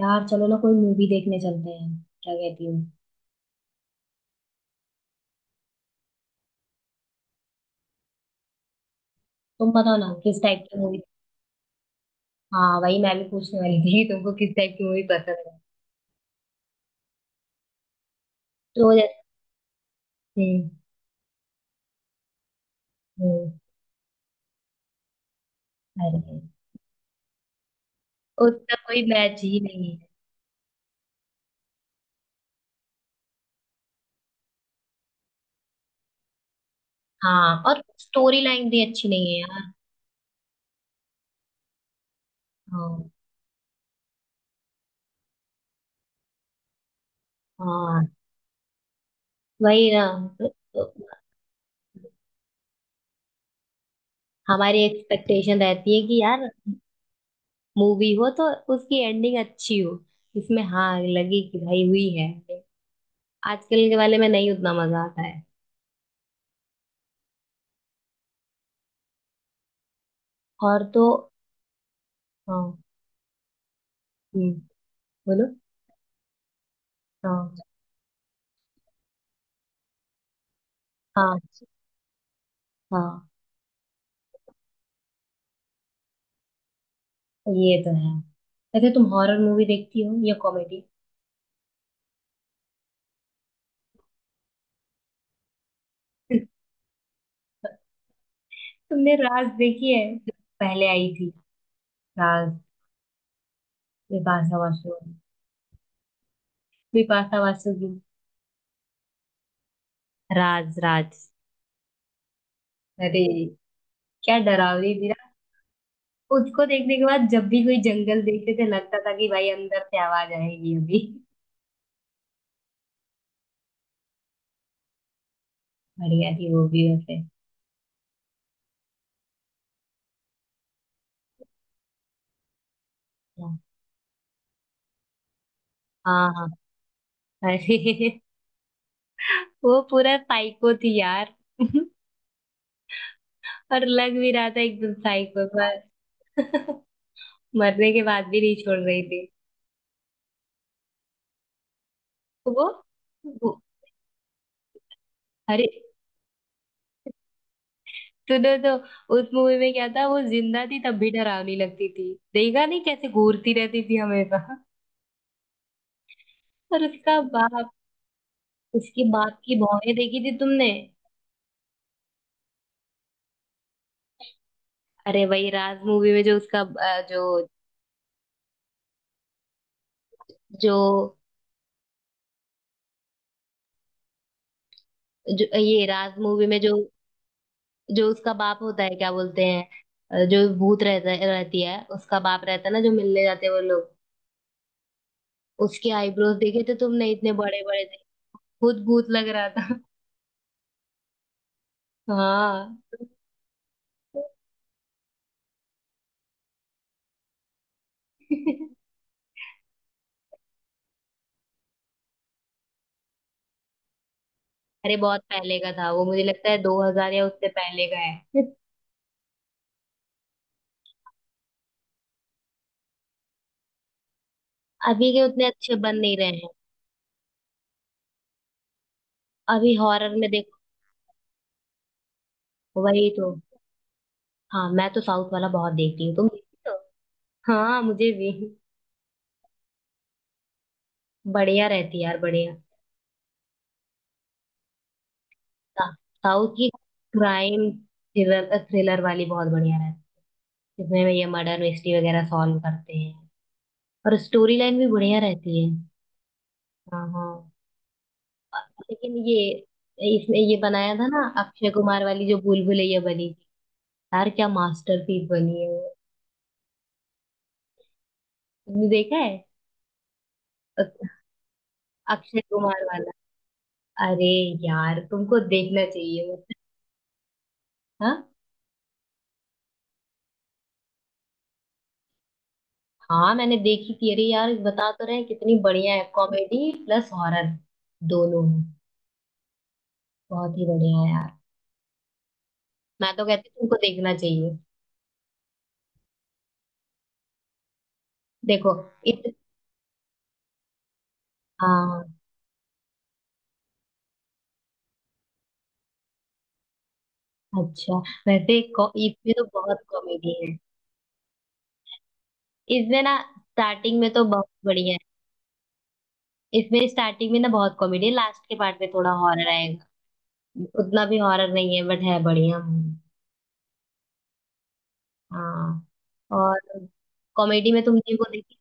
यार चलो ना, कोई मूवी देखने चलते हैं। क्या कहती हूँ? तुम बताओ ना, किस टाइप की मूवी? हाँ, वही मैं भी पूछने वाली थी, तुमको किस टाइप की मूवी पसंद है? तो जैसे हम्म, हम्म, अरे, उसका कोई मैच ही नहीं है। हाँ, और स्टोरी लाइन भी अच्छी नहीं है यार। हाँ हाँ, वही ना। तो हमारी एक्सपेक्टेशन रहती है कि यार मूवी हो तो उसकी एंडिंग अच्छी हो। इसमें हाँ लगी कि भाई हुई है। आजकल के वाले में नहीं उतना मजा आता है। और तो हाँ। हम्म। बोलो। हाँ, हाँ, हाँ। ये तो है। वैसे तुम हॉरर मूवी देखती हो या कॉमेडी? तुमने राज देखी है? पहले आई थी, राज, बिपाशा बासु, बिपाशा बासु की। राज, राज। अरे, क्या डरावनी थी ना। उसको देखने के बाद जब भी कोई जंगल देखते थे, लगता था कि भाई अंदर से आवाज आएगी अभी। बढ़िया थी वो भी वैसे। हाँ, हाँ, हाँ। अरे वो पूरा साइको थी यार। और लग भी रहा था एकदम साइको पर। मरने के बाद भी नहीं छोड़ रही थी। तो वो अरे तूने तो, उस मूवी में क्या था, वो जिंदा थी तब भी डरावनी लगती थी, देखा नहीं कैसे घूरती रहती थी हमेशा। और उसका बाप, उसकी बाप की भौहें देखी थी तुमने? अरे वही राज मूवी में जो उसका जो जो जो ये राज मूवी में जो, जो उसका बाप होता है, क्या बोलते हैं, जो भूत रहता रहती है उसका बाप रहता है ना, जो मिलने जाते हैं वो लोग। उसके आईब्रोज देखे थे तुमने, इतने बड़े बड़े थे। खुद भूत लग रहा था। हाँ। अरे बहुत पहले का था वो, मुझे लगता है 2000 या उससे पहले का है। अभी के उतने अच्छे बन नहीं रहे हैं। अभी हॉरर में देखो, वही तो। हाँ, मैं तो साउथ वाला बहुत देखती हूँ, तुम देखती हो? हाँ, मुझे भी बढ़िया रहती है यार, बढ़िया। सा- साउथ की क्राइम थ्रिलर, थ्रिलर वाली बहुत बढ़िया रहती है, जिसमें ये मर्डर मिस्ट्री वगैरह सॉल्व करते हैं। और स्टोरी लाइन भी बढ़िया रहती है। हाँ, हाँ। लेकिन ये इसमें ये बनाया था ना अक्षय कुमार वाली, जो भूल भुलैया बनी थी, यार क्या मास्टरपीस बनी है वो। तुमने देखा है? अ- अक्षय कुमार वाला, अरे यार तुमको देखना चाहिए वो। हाँ, हाँ मैंने देखी थी। अरे यार बता तो रहे हैं, कितनी बढ़िया है, कॉमेडी प्लस हॉरर दोनों है। बहुत ही बढ़िया है यार, मैं तो कहती हूँ तुमको देखना चाहिए। देखो। इत, हाँ, अच्छा। इसमें तो बहुत कॉमेडी है। इसमें ना स्टार्टिंग में तो बहुत बढ़िया है। इसमें स्टार्टिंग में ना बहुत कॉमेडी है, लास्ट के पार्ट में थोड़ा हॉरर आएगा। उतना भी हॉरर नहीं है, बट है बढ़िया मूवी। हाँ। और कॉमेडी में तुमने वो देखी,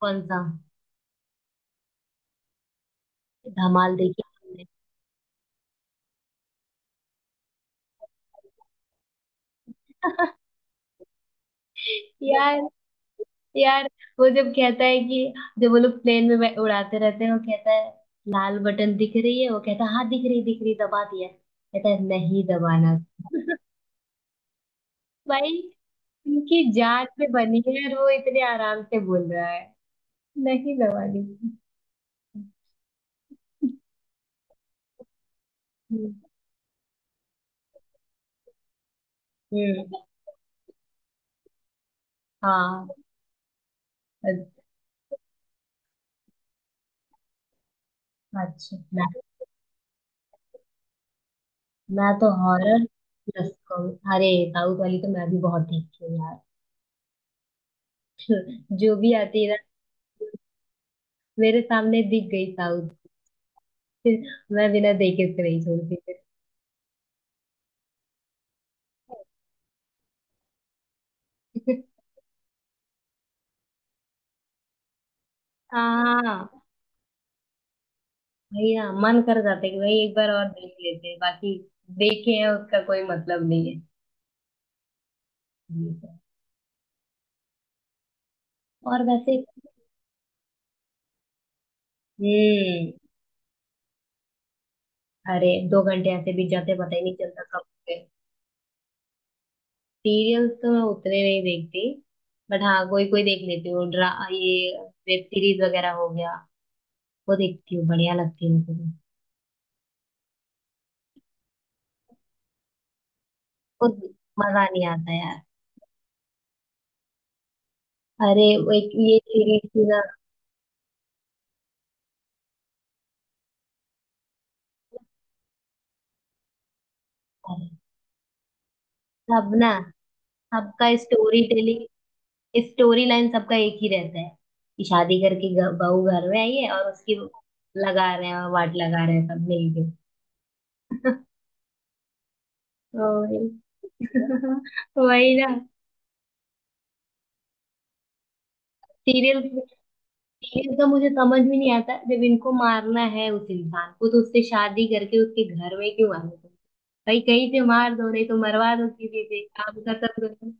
कौन सा, धमाल देखी तुमने? यार, यार, वो जब कहता है कि, जब वो लोग प्लेन में उड़ाते रहते हैं, वो कहता है लाल बटन दिख रही है, वो कहता है हाँ दिख रही दिख रही, दबा दिया, कहता है नहीं दबाना। भाई, उनकी जान पे बनी है और वो इतने आराम से बोल रहा है, नहीं दबानी। हम्म। हाँ। अ- अच्छा, मैं तो हॉरर प्लस कॉमेडी। अरे साउथ वाली तो मैं भी बहुत देखती हूँ यार। जो भी आती है ना मेरे सामने, दिख गई साउथ फिर मैं बिना देखे उसको नहीं छोड़ती फिर। हाँ, भैया मन कर जाता है कि भाई एक बार और देख लेते हैं, बाकी देखे हैं उसका कोई मतलब नहीं है ये तो। और वैसे। हम्म। अरे दो घंटे ऐसे बीत जाते हैं, पता ही नहीं चलता कब। सीरियल्स तो मैं उतने नहीं देखती, बट हाँ कोई कोई देख लेती हूँ, ड्रा ये, वेब सीरीज वगैरह हो गया, वो देखती हूँ, बढ़िया लगती है मुझे। वो मजा नहीं आता यार। अरे वो एक ये सीरीज थी ना। अरे, सब ना, सबका स्टोरी टेलिंग, स्टोरी लाइन सबका एक ही रहता है, कि शादी करके बहू घर में आई है और उसकी लगा रहे हैं, वाट लगा रहे हैं सब मिलके। तो वही वही ना। सीरियल, ये तो मुझे समझ में नहीं आता, जब इनको मारना है उस इंसान को, तो उससे शादी करके उसके घर में क्यों आने तुम। भाई कहीं से मार दो, नहीं तो मरवा दो किसी से, काम खत्म करो।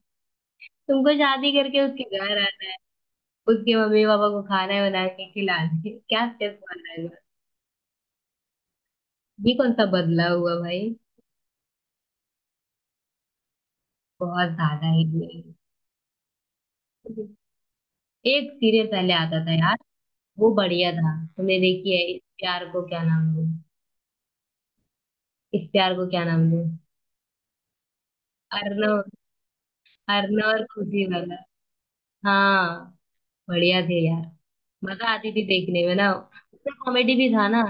तुमको शादी करके उसके घर आना है, उसके मम्मी पापा को खाना बना के खिलाना है, क्या स्टेप मारना है, ये कौन सा बदला हुआ भाई। बहुत ज्यादा ही हुआ। एक सीरियल पहले आता था यार, वो बढ़िया था, तुमने देखी है इस प्यार को क्या नाम दूं? इस प्यार को क्या नाम दूं, अर्नव, अर्नव और खुशी वाला। हाँ, बढ़िया थे यार, मजा आती थी देखने में ना, उसमें कॉमेडी भी था ना।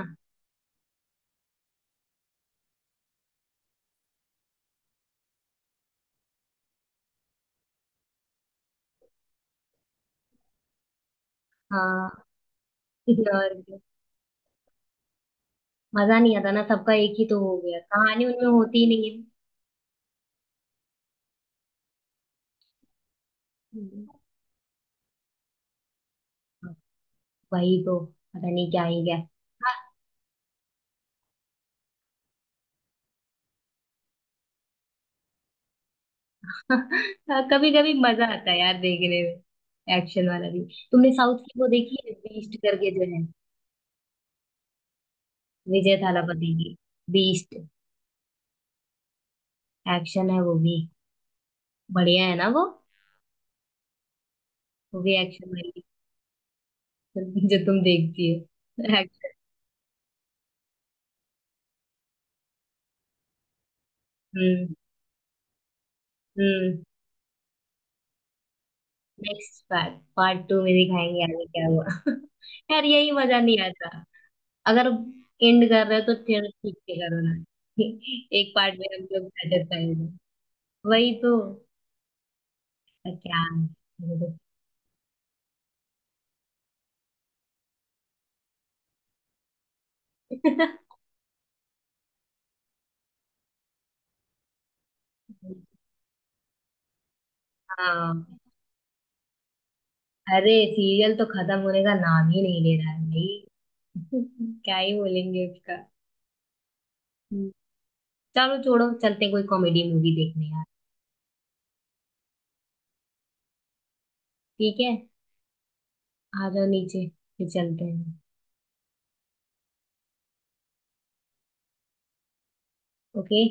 हाँ। और क्या। मजा नहीं आता ना, सबका एक ही तो हो गया, कहानी उनमें होती ही नहीं है। हम्म। वही तो, पता नहीं क्या ही क्या। कभी कभी मजा आता है यार देखने में, एक्शन वाला भी। तुमने साउथ की वो देखी है, बीस्ट करके जो है, विजय थालापति की, बीस्ट, एक्शन है वो भी। बढ़िया है ना वो भी एक्शन वाली। जो तुम देखती हो एक्शन। हम्म। हम्म। नेक्स्ट पार्ट, पार्ट टू में दिखाएंगे आगे क्या हुआ। यार यही मजा नहीं आता। अगर एंड कर रहे हो तो फिर ठीक से करो ना। एक पार्ट में हम लोग सेटिस्फाई हो जाए। वही तो, क्या। हाँ। अरे सीरियल तो खत्म होने का नाम ही नहीं ले रहा है भाई। क्या ही बोलेंगे उसका। हम्म, चलो छोड़ो, चलते हैं कोई कॉमेडी मूवी देखने यार। ठीक है, आ जाओ नीचे, फिर चलते हैं। ओके।